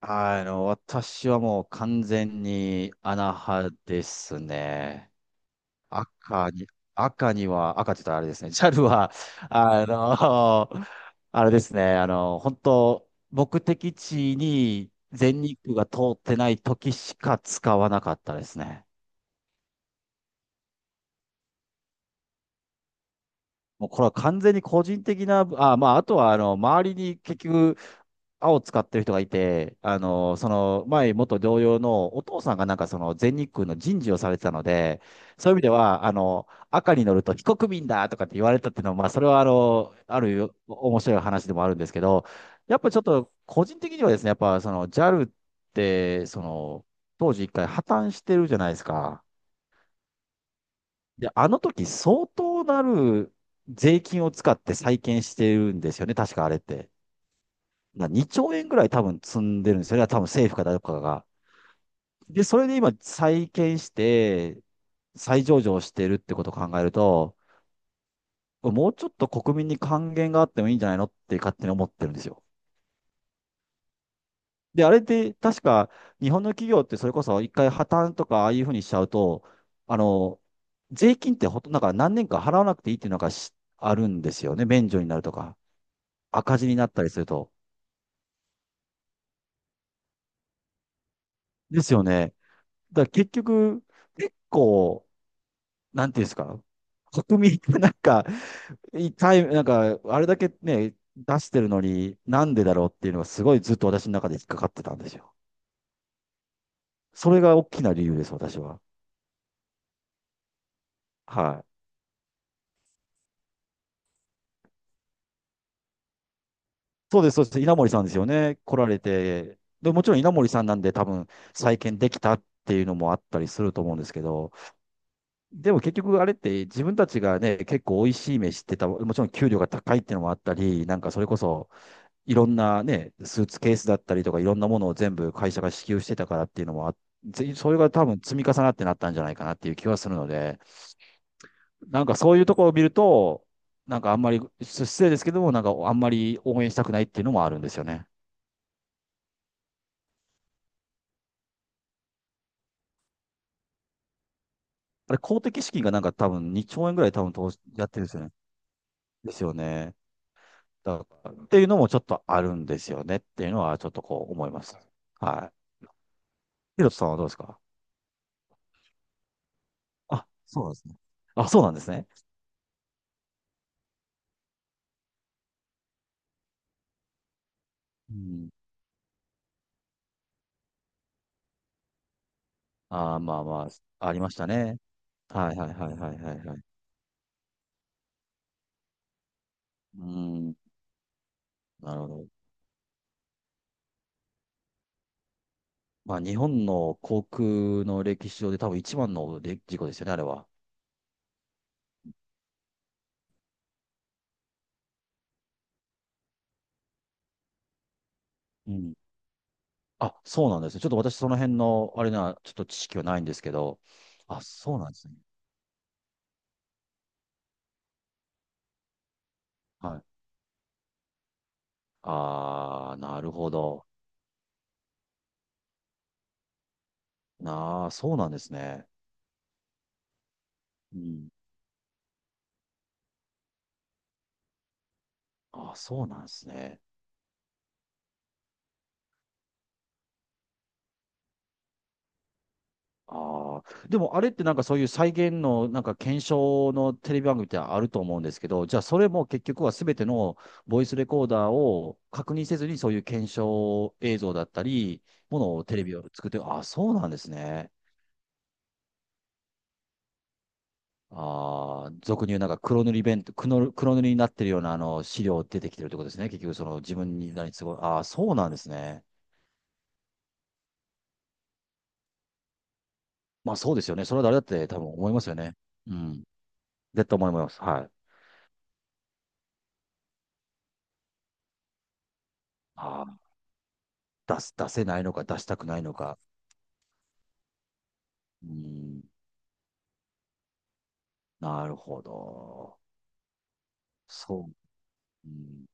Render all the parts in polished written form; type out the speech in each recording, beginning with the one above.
私はもう完全に穴派ですね。赤に、赤には、赤って言ったらあれですね。ジャルは、あの、あれですね。あの、本当目的地に全日空が通ってない時しか使わなかったですね。もうこれは完全に個人的な、あ、まあ、あとは、周りに結局、青使ってる人がいて、前、元同僚のお父さんがなんかその全日空の人事をされてたので、そういう意味では、赤に乗ると非国民だとかって言われたっていうのは、まあ、それは、あるよ面白い話でもあるんですけど、やっぱちょっと、個人的にはですね、やっぱ、その、JAL って、その、当時一回破綻してるじゃないですか。で、あの時相当なる税金を使って再建してるんですよね、確かあれって。な2兆円ぐらい多分積んでるんですよね、多分政府か誰かが。で、それで今再建して、再上場してるってことを考えると、もうちょっと国民に還元があってもいいんじゃないのって勝手に思ってるんですよ。で、あれって確か日本の企業ってそれこそ一回破綻とかああいうふうにしちゃうと、あの、税金ってほとんどなんか何年か払わなくていいっていうのがしあるんですよね、免除になるとか。赤字になったりすると。ですよね。だから結局、結構、なんていうんですか、国民がなんか、一回、なんか、あれだけね、出してるのに、なんでだろうっていうのがすごいずっと私の中で引っかかってたんですよ。それが大きな理由です、私は。はい。そうです、そうです。稲森さんですよね。来られて。で、もちろん稲森さんなんで多分再建できたっていうのもあったりすると思うんですけど、でも結局あれって自分たちがね、結構美味しい飯ってた、もちろん給料が高いっていうのもあったり、なんかそれこそいろんなね、スーツケースだったりとかいろんなものを全部会社が支給してたからっていうのもあってぜそれが多分積み重なってなったんじゃないかなっていう気はするので、なんかそういうところを見ると、なんかあんまり、失礼ですけども、なんかあんまり応援したくないっていうのもあるんですよね。あれ公的資金がなんか多分2兆円ぐらい多分投資やってるんですよね。ですよね。ったっていうのもちょっとあるんですよねっていうのはちょっとこう思います。はい。ヒロトさんはどうですか？あ、そうなんですね。あ、そうなんですね。うん。ああ、まあまあ、ありましたね。はいはいはいはいはいはい。うーん、なるほど。まあ、日本の航空の歴史上で多分一番ので事故ですよね、あれは。うん。あ、そうなんですね。ちょっと私その辺の、あれな、ちょっと知識はないんですけど。あ、そうなんですね。はい。ああ、なるほど。なあ、そうなんですね。うん。あ、そうなんですね。ああ、でもあれってなんかそういう再現のなんか検証のテレビ番組ってあると思うんですけど、じゃあそれも結局はすべてのボイスレコーダーを確認せずにそういう検証映像だったり、ものをテレビを作って、ああ、そうなんですね。ああ、俗に言うなんか黒塗り弁当、黒、黒塗りになってるようなあの資料出てきてるってことですね。結局その自分に何すごい、ああ、そうなんですね。まあそうですよね。それは誰だって多分思いますよね。うん。絶対思います。はい。ああ。出す、出せないのか、出したくないのか。うん、なるほど。そう、うん。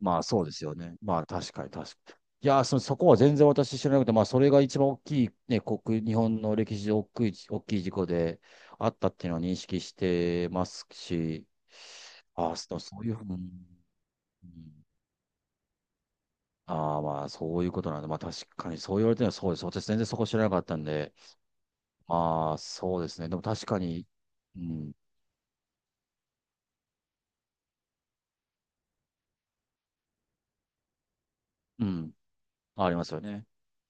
まあそうですよね。まあ確かに確かに。いやー、そ、そこは全然私知らなくて、まあそれが一番大きい、ね、国、日本の歴史で大きい、大きい事故であったっていうのは認識してますし、ああ、そそういう、ふうに、ああー、まあそういうことなんで、まあ確かにそう言われてるのはそうです。私全然そこ知らなかったんで、まあそうですね。でも確かに、うん、うん。ありますよね。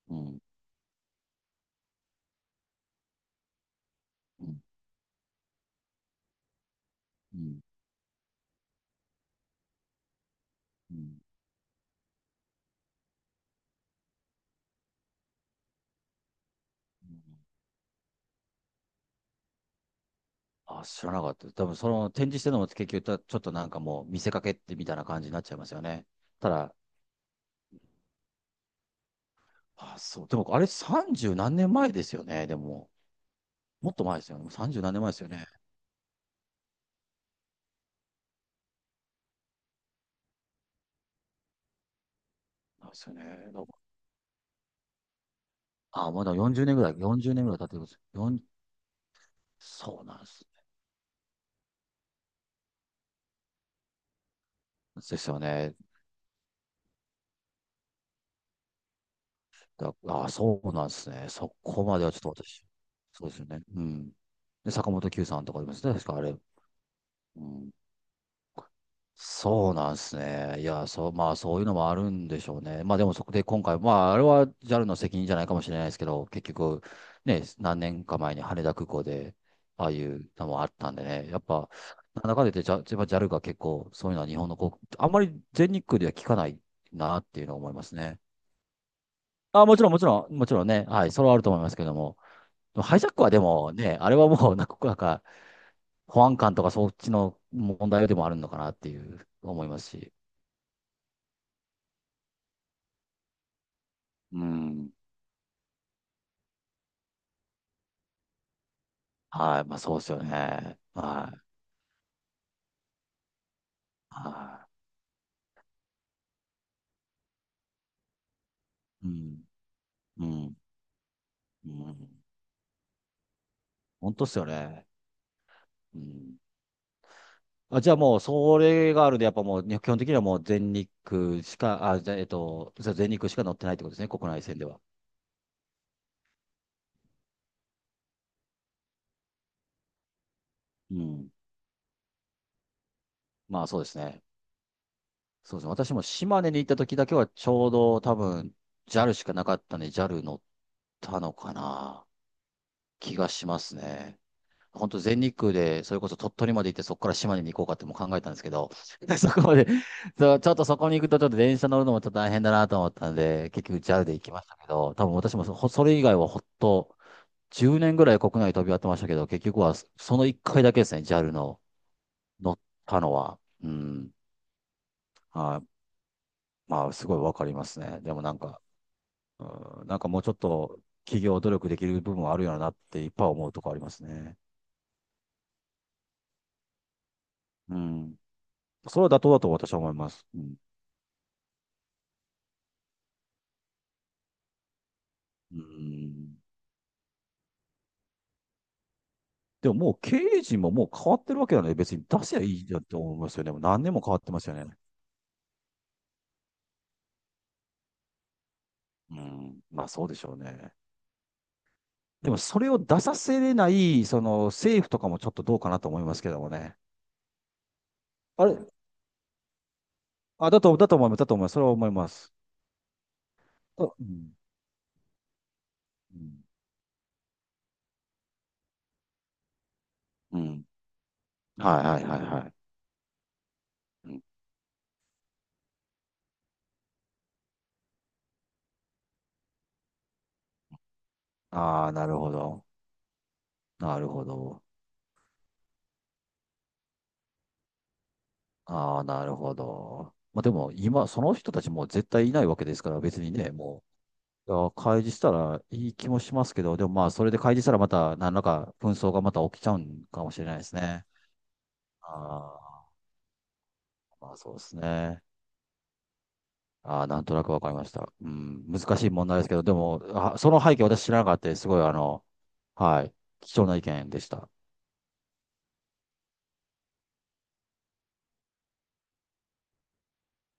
うん。うん。うん。うん。うん。あ、知らなかった。多分その展示してるのも結局た、ちょっとなんかもう見せかけってみたいな感じになっちゃいますよね。ただ、あ、そう。でもあれ三十何年前ですよね。でも、もっと前ですよね。三十何年前ですよね。なんですよね。だあ、まだ四十年ぐらい、四十年ぐらい経ってるんです。4そうなんです。ですよね。だ、あ、そうなんですね。そこまではちょっと私、そうですよね。うん。で、坂本九さんとかいますね。確かあれ。うん。そうなんですね。いや、そう、まあ、そういうのもあるんでしょうね。まあ、でもそこで今回、まあ、あれは JAL の責任じゃないかもしれないですけど、結局、ね、何年か前に羽田空港で、ああいうのもあったんでね、やっぱ、なんだかんだ言って、ジャ、やっぱ JAL が結構、そういうのは日本の航空、あんまり全日空では聞かないなっていうのを思いますね。あ、もちろん、もちろん、もちろんね、はい、それはあると思いますけども、でもハイジャックはでもね、あれはもう、なんか、なんか保安官とかそっちの問題でもあるのかなっていう思いますし。うん。はい。まあ、そうですよね。はい。はい。うん。うん。うん。本当っすよね。うん。あ、じゃあもう、それがあるんで、やっぱもう、ね基本的にはもう全日空しか、あ、じゃあ、そう全日空しか乗ってないってことですね、国内線では。うん。まあ、そうですね。そうですね。私も島根に行った時だけは、ちょうど多分、JAL しかなかったんで、JAL 乗ったのかな、気がしますね。本当全日空で、それこそ鳥取まで行って、そこから島根に行こうかっても考えたんですけど、そこまで、そうちょっとそこに行くと、ちょっと電車乗るのもちょっと大変だなと思ったんで、結局 JAL で行きましたけど、多分私もそほそれ以外はほっと、10年ぐらい国内飛び回ってましたけど、結局はその1回だけですね、JAL の乗ったのは。うん。はい。まあ、すごいわかりますね。でもなんか、うん、なんかもうちょっと企業努力できる部分はあるよなっていっぱい思うとこありますね。うん。それは妥当だと私は思います。うん。うん。でももう経営陣ももう変わってるわけだね。別に出せばいいじゃんって思いますよね。もう何年も変わってますよね。うん。まあそうでしょうね。でもそれを出させれない、その政府とかもちょっとどうかなと思いますけどもね。あれ、あ、だと、だと思います。だと思います。それは思います。あうん。うん。うん。はいはいはいはい。うん。ああ、なるほど。なるほど。ああ、なるほど。まあでも今、その人たちもう絶対いないわけですから、別にね、もいや、開示したらいい気もしますけど、でもまあ、それで開示したらまた、何らか紛争がまた起きちゃうんかもしれないですね。ああ、まあそうですね。ああ、なんとなくわかりました。うん、難しい問題ですけど、でも、あ、その背景私知らなかったです。すごい、はい、貴重な意見でした。